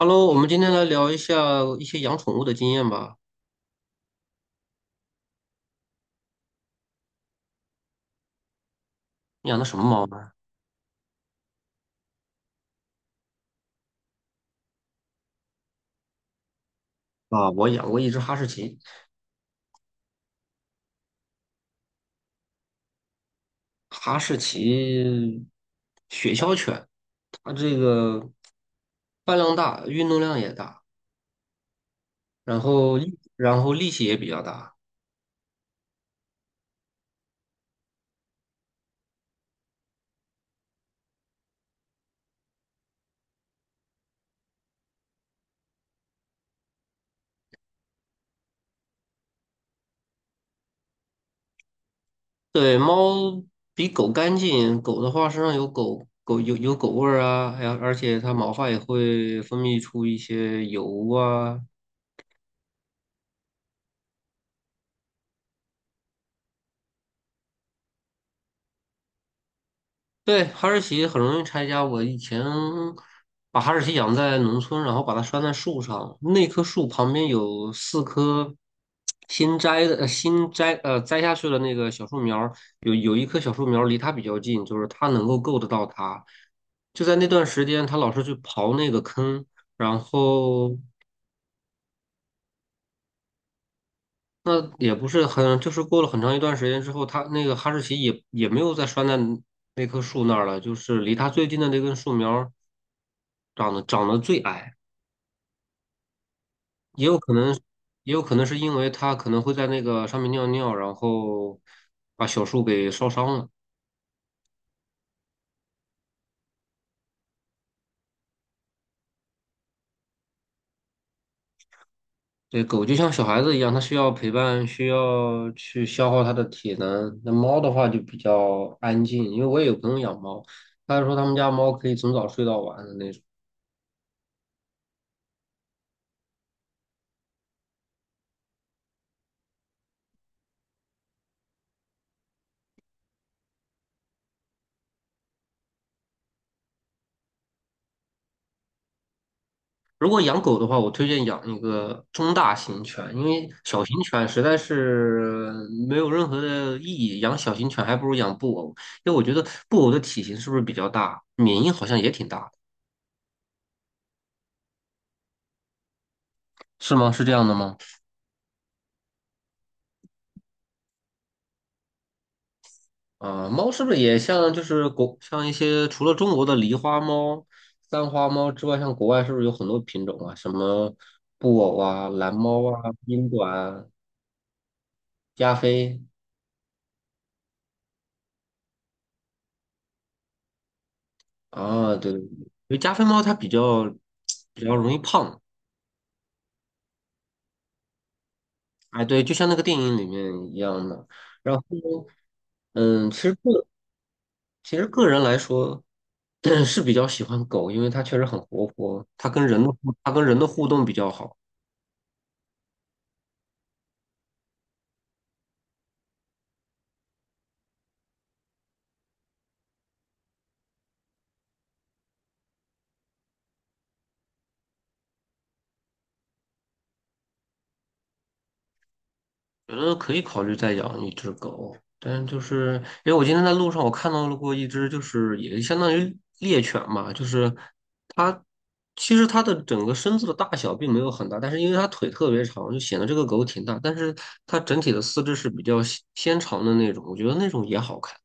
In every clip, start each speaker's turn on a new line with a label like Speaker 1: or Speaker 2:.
Speaker 1: Hello，我们今天来聊一下一些养宠物的经验吧。你养的什么猫呢？啊，我养过一只哈士奇，哈士奇雪橇犬，它这个饭量大，运动量也大，然后力气也比较大。对，猫比狗干净，狗的话身上有狗味儿啊，还有而且它毛发也会分泌出一些油啊，对，哈士奇很容易拆家。我以前把哈士奇养在农村，然后把它拴在树上，那棵树旁边有四棵新摘的、呃新摘呃摘下去的那个小树苗儿，有一棵小树苗儿离它比较近，就是它能够够得到它。就在那段时间，它老是去刨那个坑，然后。那也不是很，就是过了很长一段时间之后，它那个哈士奇也没有再拴在那棵树那儿了，就是离它最近的那根树苗儿长得最矮，也有可能，也有可能是因为它可能会在那个上面尿尿，然后把小树给烧伤了。对，狗就像小孩子一样，它需要陪伴，需要去消耗它的体能。那猫的话就比较安静，因为我也有朋友养猫，他说他们家猫可以从早睡到晚的那种。如果养狗的话，我推荐养一个中大型犬，因为小型犬实在是没有任何的意义。养小型犬还不如养布偶，因为我觉得布偶的体型是不是比较大，缅因好像也挺大的，是吗？是这样的吗？啊、猫是不是也像就是像一些除了中国的狸花猫、三花猫之外，像国外是不是有很多品种啊？什么布偶啊、蓝猫啊、英短啊加菲啊？对对对，因为加菲猫它比较容易胖。哎，对，就像那个电影里面一样的。然后呢，嗯，其实个其实个人来说，是比较喜欢狗，因为它确实很活泼，它跟人的互动比较好。觉得可以考虑再养一只狗，但是就是因为我今天在路上我看到了过一只，就是也相当于猎犬嘛，就是它其实它的整个身子的大小并没有很大，但是因为它腿特别长，就显得这个狗挺大，但是它整体的四肢是比较纤纤长的那种，我觉得那种也好看，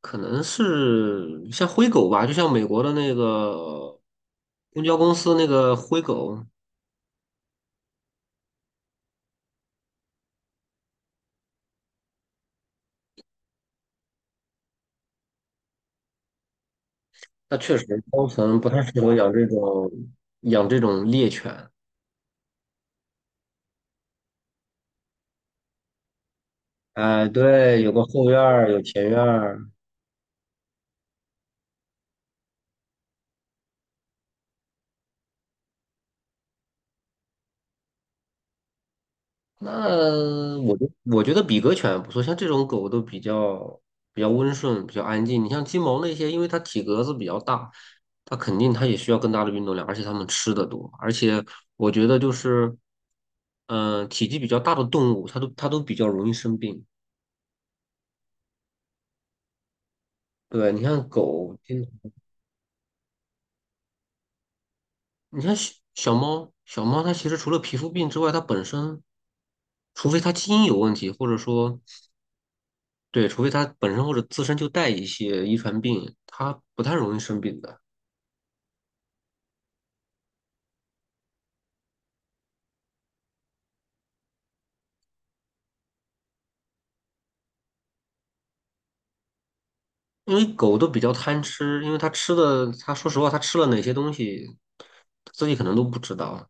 Speaker 1: 可能是像灰狗吧，就像美国的那个公交公司那个灰狗，它确实高层不太适合养这种猎犬。哎，对，有个后院儿，有前院儿。那我觉我觉得比格犬不错，像这种狗都比较温顺，比较安静。你像金毛那些，因为它体格子比较大，它肯定它也需要更大的运动量，而且它们吃的多。而且我觉得就是，体积比较大的动物，它都比较容易生病。对，你看狗。你看小猫，小猫它其实除了皮肤病之外，它本身，除非它基因有问题，或者说。对，除非它本身或者自身就带一些遗传病，它不太容易生病的。因为狗都比较贪吃，因为它吃的，它说实话，它吃了哪些东西，自己可能都不知道。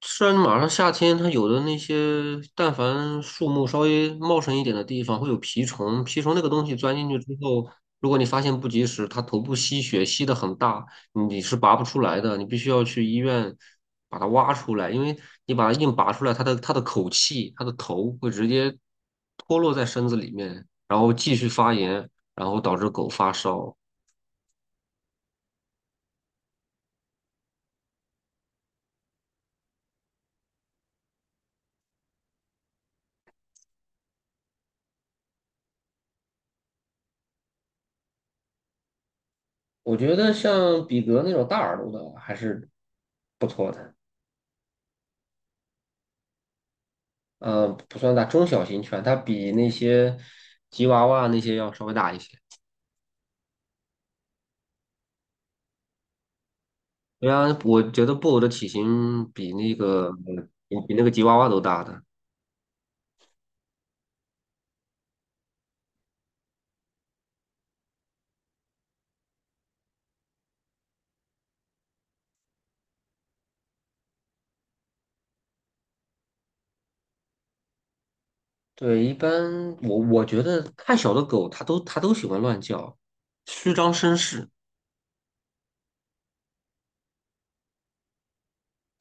Speaker 1: 虽然马上夏天，它有的那些，但凡树木稍微茂盛一点的地方，会有蜱虫。蜱虫那个东西钻进去之后，如果你发现不及时，它头部吸血吸的很大，你是拔不出来的，你必须要去医院把它挖出来，因为你把它硬拔出来，它的口气，它的头会直接脱落在身子里面，然后继续发炎，然后导致狗发烧。我觉得像比格那种大耳朵的还是不错的。不算大，中小型犬，它比那些吉娃娃那些要稍微大一些。对啊，我觉得布偶的体型比那个吉娃娃都大的。对，一般我我觉得太小的狗，它都喜欢乱叫，虚张声势。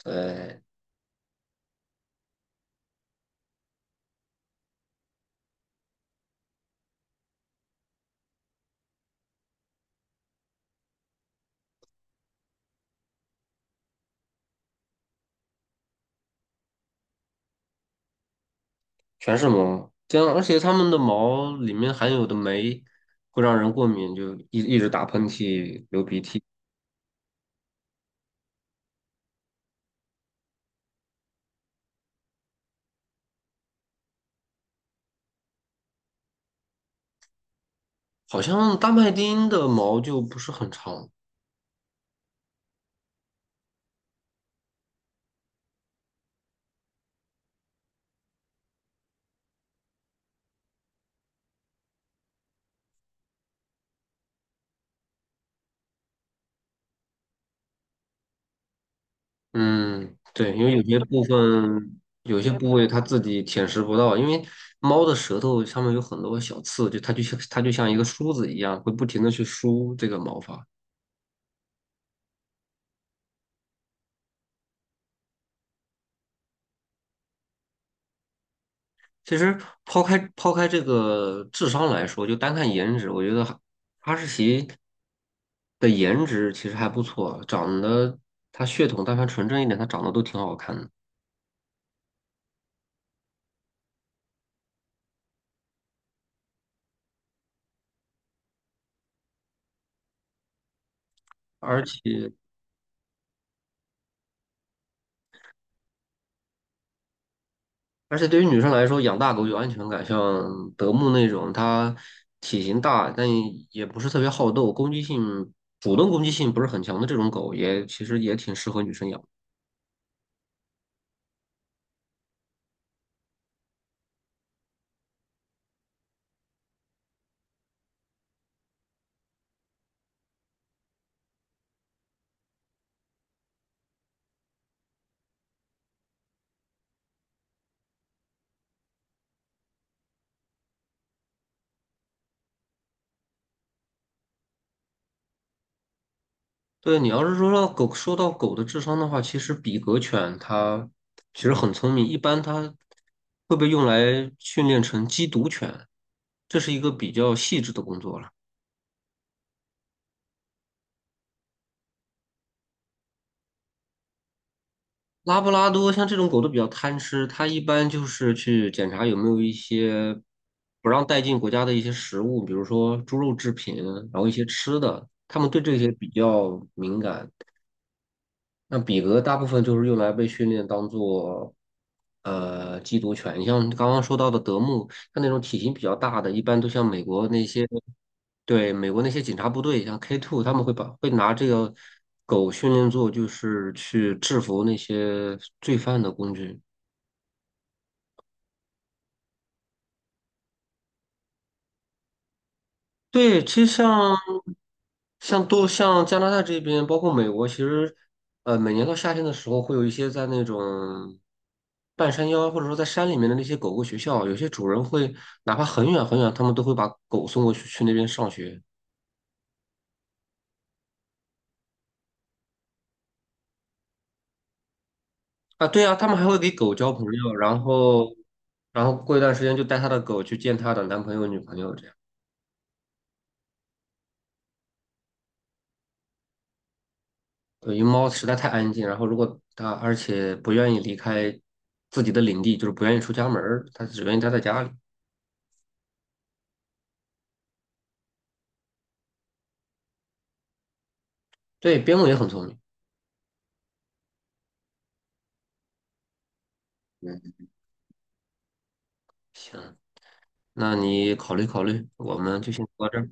Speaker 1: 对，全是毛，这样而且它们的毛里面含有的酶会让人过敏，就一直打喷嚏、流鼻涕。好像大麦町的毛就不是很长，嗯，对，因为有些部分有些部位它自己舔食不到，因为猫的舌头上面有很多小刺，就它就像一个梳子一样，会不停的去梳这个毛发。其实抛开这个智商来说，就单看颜值，我觉得哈士奇的颜值其实还不错，长得它血统但凡纯正一点，它长得都挺好看的。而且而且对于女生来说，养大狗有安全感，像德牧那种，它体型大，但也不是特别好斗，攻击性、主动攻击性不是很强的这种狗，也其实也挺适合女生养。对，你要是说到狗，说到狗的智商的话，其实比格犬它其实很聪明，一般它会被用来训练成缉毒犬，这是一个比较细致的工作了。拉布拉多像这种狗都比较贪吃，它一般就是去检查有没有一些不让带进国家的一些食物，比如说猪肉制品，然后一些吃的，它们对这些比较敏感。那比格大部分就是用来被训练当做缉毒犬，像刚刚说到的德牧，像那种体型比较大的，一般都像美国那些。对，美国那些警察部队，像 K2,他们会把会拿这个狗训练做，就是去制服那些罪犯的工具。对，其实像加拿大这边，包括美国，其实每年到夏天的时候，会有一些在那种半山腰或者说在山里面的那些狗狗学校，有些主人会哪怕很远很远，他们都会把狗送过去那边上学。啊，对啊，他们还会给狗交朋友，然后过一段时间就带他的狗去见他的男朋友、女朋友这样。对，因为猫实在太安静，然后如果它而且不愿意离开自己的领地，就是不愿意出家门儿，它只愿意待在家里。对，边牧也很聪明。嗯，行，那你考虑考虑，我们就先聊到这儿。